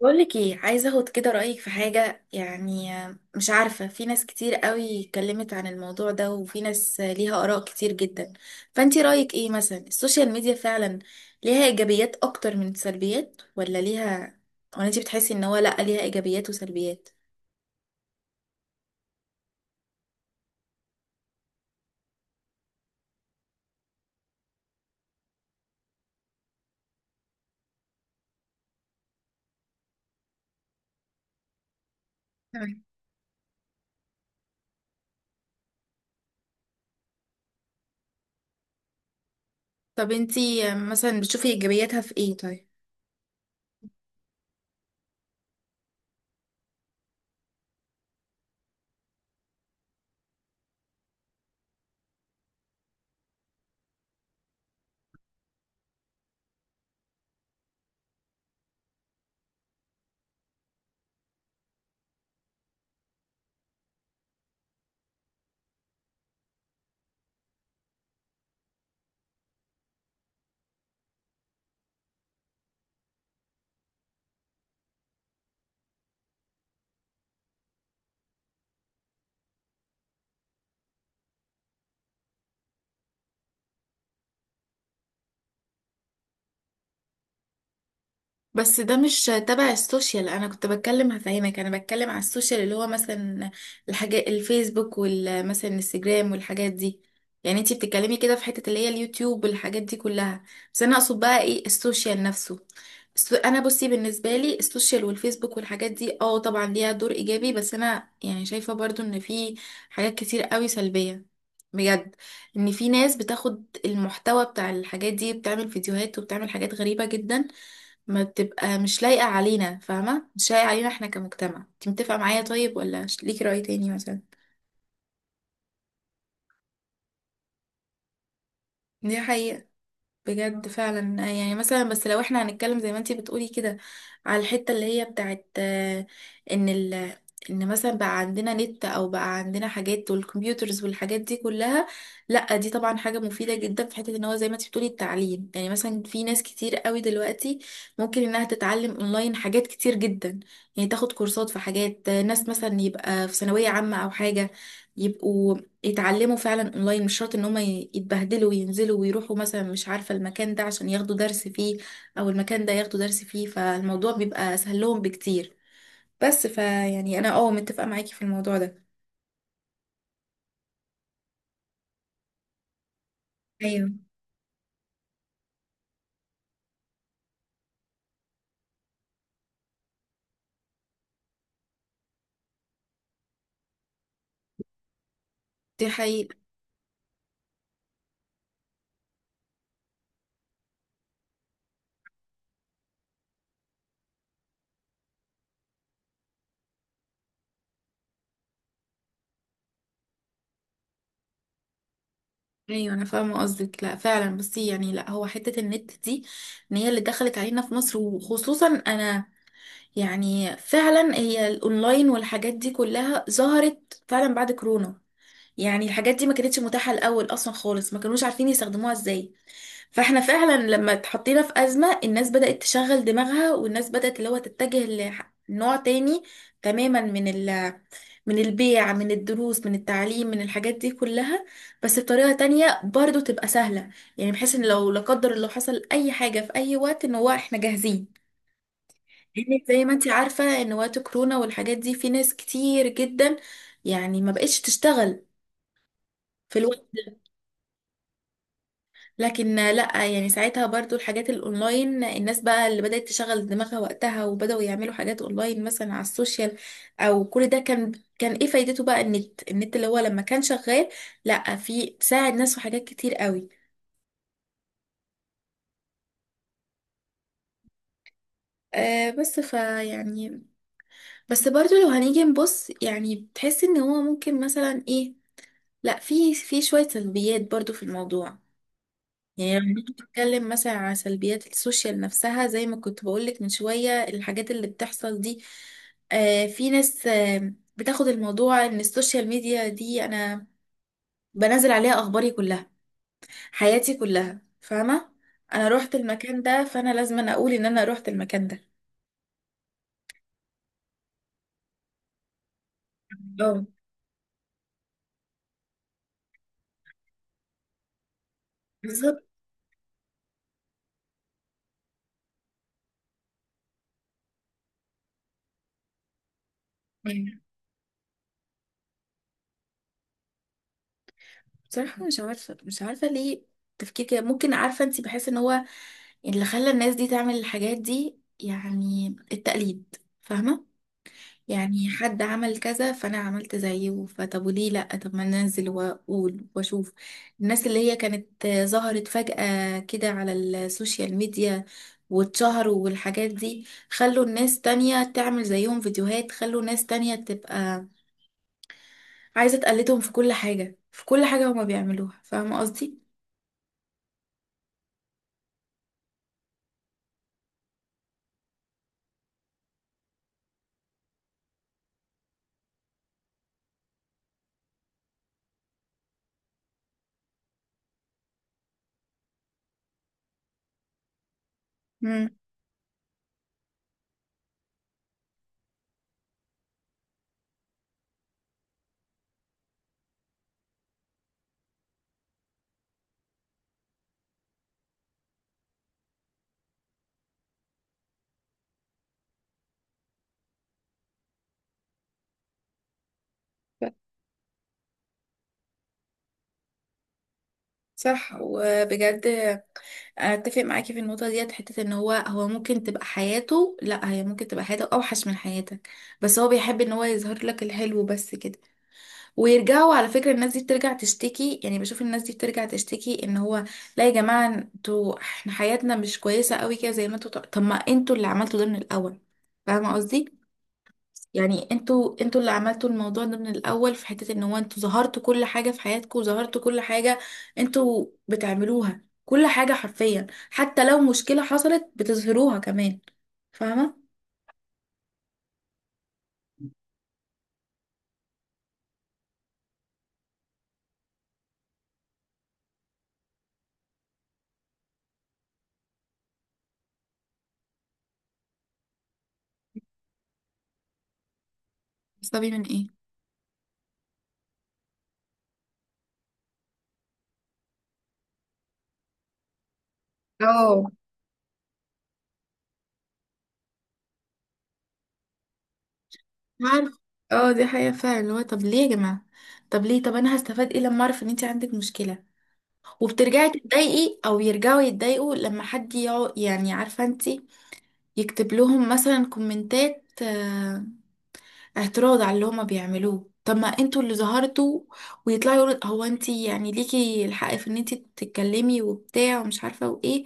بقولك ايه، عايزه اخد كده رايك في حاجه، مش عارفه. في ناس كتير قوي اتكلمت عن الموضوع ده، وفي ناس ليها اراء كتير جدا. فانتي رايك ايه؟ مثلا السوشيال ميديا فعلا ليها ايجابيات اكتر من سلبيات، ولا ليها، ولا انتي بتحسي ان هو لا ليها ايجابيات وسلبيات؟ تمام. طب انتي مثلا بتشوفي ايجابياتها في ايه طيب؟ بس ده مش تبع السوشيال، انا كنت بتكلم هفهمك، انا بتكلم على السوشيال اللي هو مثلا الحاجات الفيسبوك، والمثلا الانستجرام، والحاجات دي. يعني انتي بتتكلمي كده في حتة اللي هي اليوتيوب والحاجات دي كلها، بس انا اقصد بقى ايه السوشيال نفسه. انا بصي بالنسبة لي السوشيال والفيسبوك والحاجات دي، اه طبعا ليها دور ايجابي، بس انا شايفة برضو ان في حاجات كتير قوي سلبية بجد. ان في ناس بتاخد المحتوى بتاع الحاجات دي، بتعمل فيديوهات وبتعمل حاجات غريبة جدا، ما تبقى مش لايقة علينا، فاهمة، مش لايقة علينا احنا كمجتمع. انت متفقة معايا طيب، ولا ليكي رأي تاني مثلا؟ دي حقيقة بجد فعلا. مثلا بس لو احنا هنتكلم زي ما انتي بتقولي كده على الحتة اللي هي بتاعت ان ال ان مثلا بقى عندنا نت، او بقى عندنا حاجات والكمبيوترز والحاجات دي كلها، لا دي طبعا حاجة مفيدة جدا في حتة ان هو زي ما انتي بتقولي التعليم. مثلا في ناس كتير قوي دلوقتي ممكن انها تتعلم اونلاين حاجات كتير جدا. يعني تاخد كورسات في حاجات، ناس مثلا يبقى في ثانوية عامة او حاجة، يبقوا يتعلموا فعلا اونلاين، مش شرط ان هم يتبهدلوا وينزلوا ويروحوا مثلا، مش عارفة، المكان ده عشان ياخدوا درس فيه، او المكان ده ياخدوا درس فيه، فالموضوع بيبقى سهل لهم بكتير. بس انا اه متفقة معاكي في الموضوع ده. ايوه. دي حقيقة. ايوه انا فاهمة قصدك. لا فعلا بصي، لا هو حتة النت دي ان هي اللي دخلت علينا في مصر، وخصوصا انا فعلا، هي الاونلاين والحاجات دي كلها ظهرت فعلا بعد كورونا. يعني الحاجات دي ما كانتش متاحة الأول أصلا خالص، ما كانوش عارفين يستخدموها ازاي. فاحنا فعلا لما اتحطينا في أزمة، الناس بدأت تشغل دماغها، والناس بدأت اللي هو تتجه لنوع تاني تماما من من البيع، من الدروس، من التعليم، من الحاجات دي كلها، بس بطريقة تانية برضو تبقى سهلة. يعني بحيث ان لو لا قدر الله حصل أي حاجة في أي وقت، ان هو احنا جاهزين. لأن زي ما انت عارفة ان وقت كورونا والحاجات دي في ناس كتير جدا يعني ما بقتش تشتغل في الوقت. لكن لا يعني ساعتها برضو الحاجات الاونلاين، الناس بقى اللي بدأت تشغل دماغها وقتها، وبدأوا يعملوا حاجات اونلاين مثلا على السوشيال، او كل ده، كان ايه فايدته بقى النت، اللي هو لما كان شغال، لا في ساعد ناس في حاجات كتير قوي. آه بس بس برضو لو هنيجي نبص، يعني بتحس ان هو ممكن مثلا ايه، لا في في شوية سلبيات برضو في الموضوع. يعني لما كنت بتتكلم مثلا على سلبيات السوشيال نفسها، زي ما كنت بقولك من شوية الحاجات اللي بتحصل دي. آه في ناس آه بتاخد الموضوع ان السوشيال ميديا دي، انا بنزل عليها اخباري كلها، حياتي كلها، فاهمة. انا روحت المكان ده فانا لازم أنا اقول ان انا روحت المكان ده. اه بالظبط. يعني بصراحة مش عارفة، ليه تفكير كده؟ ممكن عارفة انت بحس ان هو اللي خلى الناس دي تعمل الحاجات دي يعني التقليد، فاهمة. يعني حد عمل كذا فانا عملت زيه، فطب وليه لا، طب ما ننزل واقول واشوف. الناس اللي هي كانت ظهرت فجأة كده على السوشيال ميديا واتشهروا والحاجات دي، خلوا الناس تانية تعمل زيهم فيديوهات، خلوا ناس تانية تبقى عايزة تقلدهم في كل حاجة، في كل حاجة هما بيعملوها، فاهمة قصدي؟ مم. صح وبجد اتفق معاكي في النقطه ديت، حته ان هو هو ممكن تبقى حياته، لا هي ممكن تبقى حياته اوحش من حياتك، بس هو بيحب ان هو يظهر لك الحلو بس كده. ويرجعوا على فكره الناس دي بترجع تشتكي، يعني بشوف الناس دي بترجع تشتكي ان هو لا يا جماعه انتوا، احنا حياتنا مش كويسه قوي كده زي ما انتوا. طب ما انتوا اللي عملتوا ده من الاول، فاهمه قصدي؟ انتوا اللي عملتوا الموضوع ده من الاول في حتة ان هو انتوا ظهرتوا كل حاجة في حياتكم، وظهرتوا كل حاجة انتوا بتعملوها، كل حاجة حرفيا، حتى لو مشكلة حصلت بتظهروها كمان، فاهمة. بتستفي من ايه؟ اه. عارف. اه دي حقيقة فعلا اللي هو طب ليه يا جماعة؟ طب ليه؟ طب انا هستفاد ايه لما اعرف ان انت عندك مشكلة، وبترجعي تتضايقي، او يرجعوا يتضايقوا لما حد يقعد، يعني عارفة انت، يكتب لهم مثلا كومنتات اعتراض على اللي هما بيعملوه. طب ما انتوا اللي ظهرتوا، ويطلعوا يقولوا هو انتي يعني ليكي الحق في ان انتي تتكلمي وبتاع ومش عارفه وايه،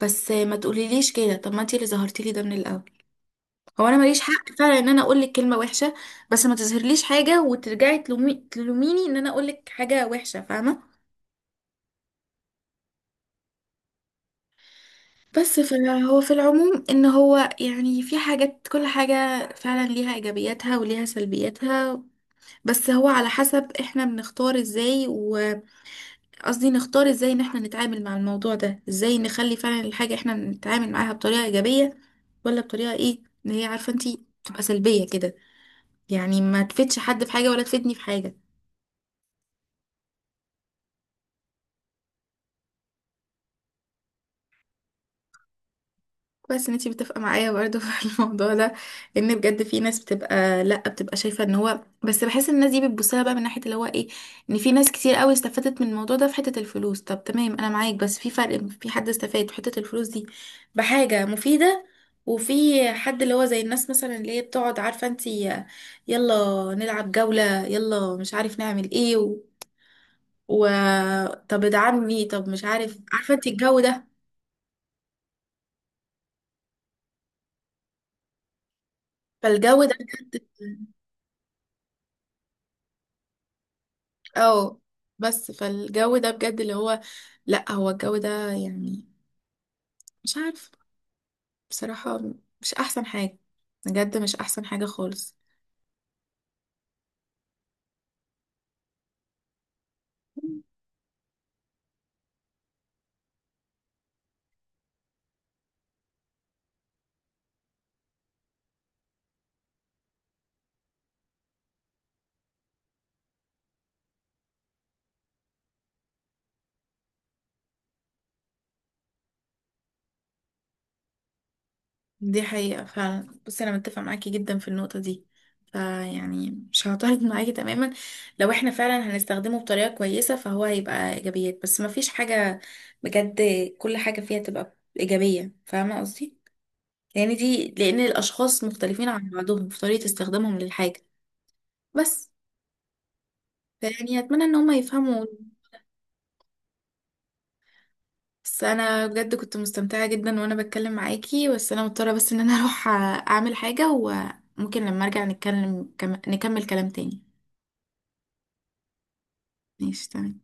بس ما تقوليليش كده. طب ما انتي اللي ظهرتي لي ده من الاول. هو انا ماليش حق فعلا ان انا اقول لك كلمه وحشه، بس ما تظهرليش حاجه وترجعي تلوميني ان انا اقول لك حاجه وحشه، فاهمه. بس فهو في العموم ان هو يعني في حاجات، كل حاجه فعلا ليها ايجابياتها وليها سلبياتها، بس هو على حسب احنا بنختار ازاي قصدي نختار ازاي ان احنا نتعامل مع الموضوع ده. ازاي نخلي فعلا الحاجة احنا نتعامل معاها بطريقة ايجابية، ولا بطريقة ايه ان هي عارفة انتي تبقى سلبية كده، يعني ما تفيدش حد في حاجة ولا تفيدني في حاجة. كويس ان انتي متفقه معايا برضه في الموضوع ده. لان بجد في ناس بتبقى لا بتبقى شايفه ان هو، بس بحس ان الناس دي بتبص لها بقى من ناحيه اللي هو ايه، ان في ناس كتير قوي استفادت من الموضوع ده في حته الفلوس. طب تمام انا معاك، بس في فرق في حد استفاد في حته الفلوس دي بحاجه مفيده، وفي حد اللي هو زي الناس مثلا اللي هي بتقعد عارفه انتي، يلا نلعب جوله، يلا مش عارف نعمل ايه و... طب ادعمني، طب مش عارف، عارفه انتي الجو ده. فالجو ده بجد، اه بس فالجو ده بجد اللي هو، لا هو الجو ده يعني مش عارف بصراحة مش احسن حاجة، بجد مش احسن حاجة خالص. دي حقيقة فعلا بصي، انا متفق معاكي جدا في النقطة دي. مش هعترض معاكي تماما، لو احنا فعلا هنستخدمه بطريقة كويسة فهو هيبقى ايجابيات. بس مفيش حاجة بجد كل حاجة فيها تبقى ايجابية، فاهمة قصدي؟ لان لان الاشخاص مختلفين عن بعضهم في طريقة استخدامهم للحاجة، بس اتمنى ان هم يفهموا. بس انا بجد كنت مستمتعة جدا وانا بتكلم معاكي، بس انا مضطرة ان انا اروح اعمل حاجة، وممكن لما ارجع نتكلم نكمل كلام تاني. ماشي تمام.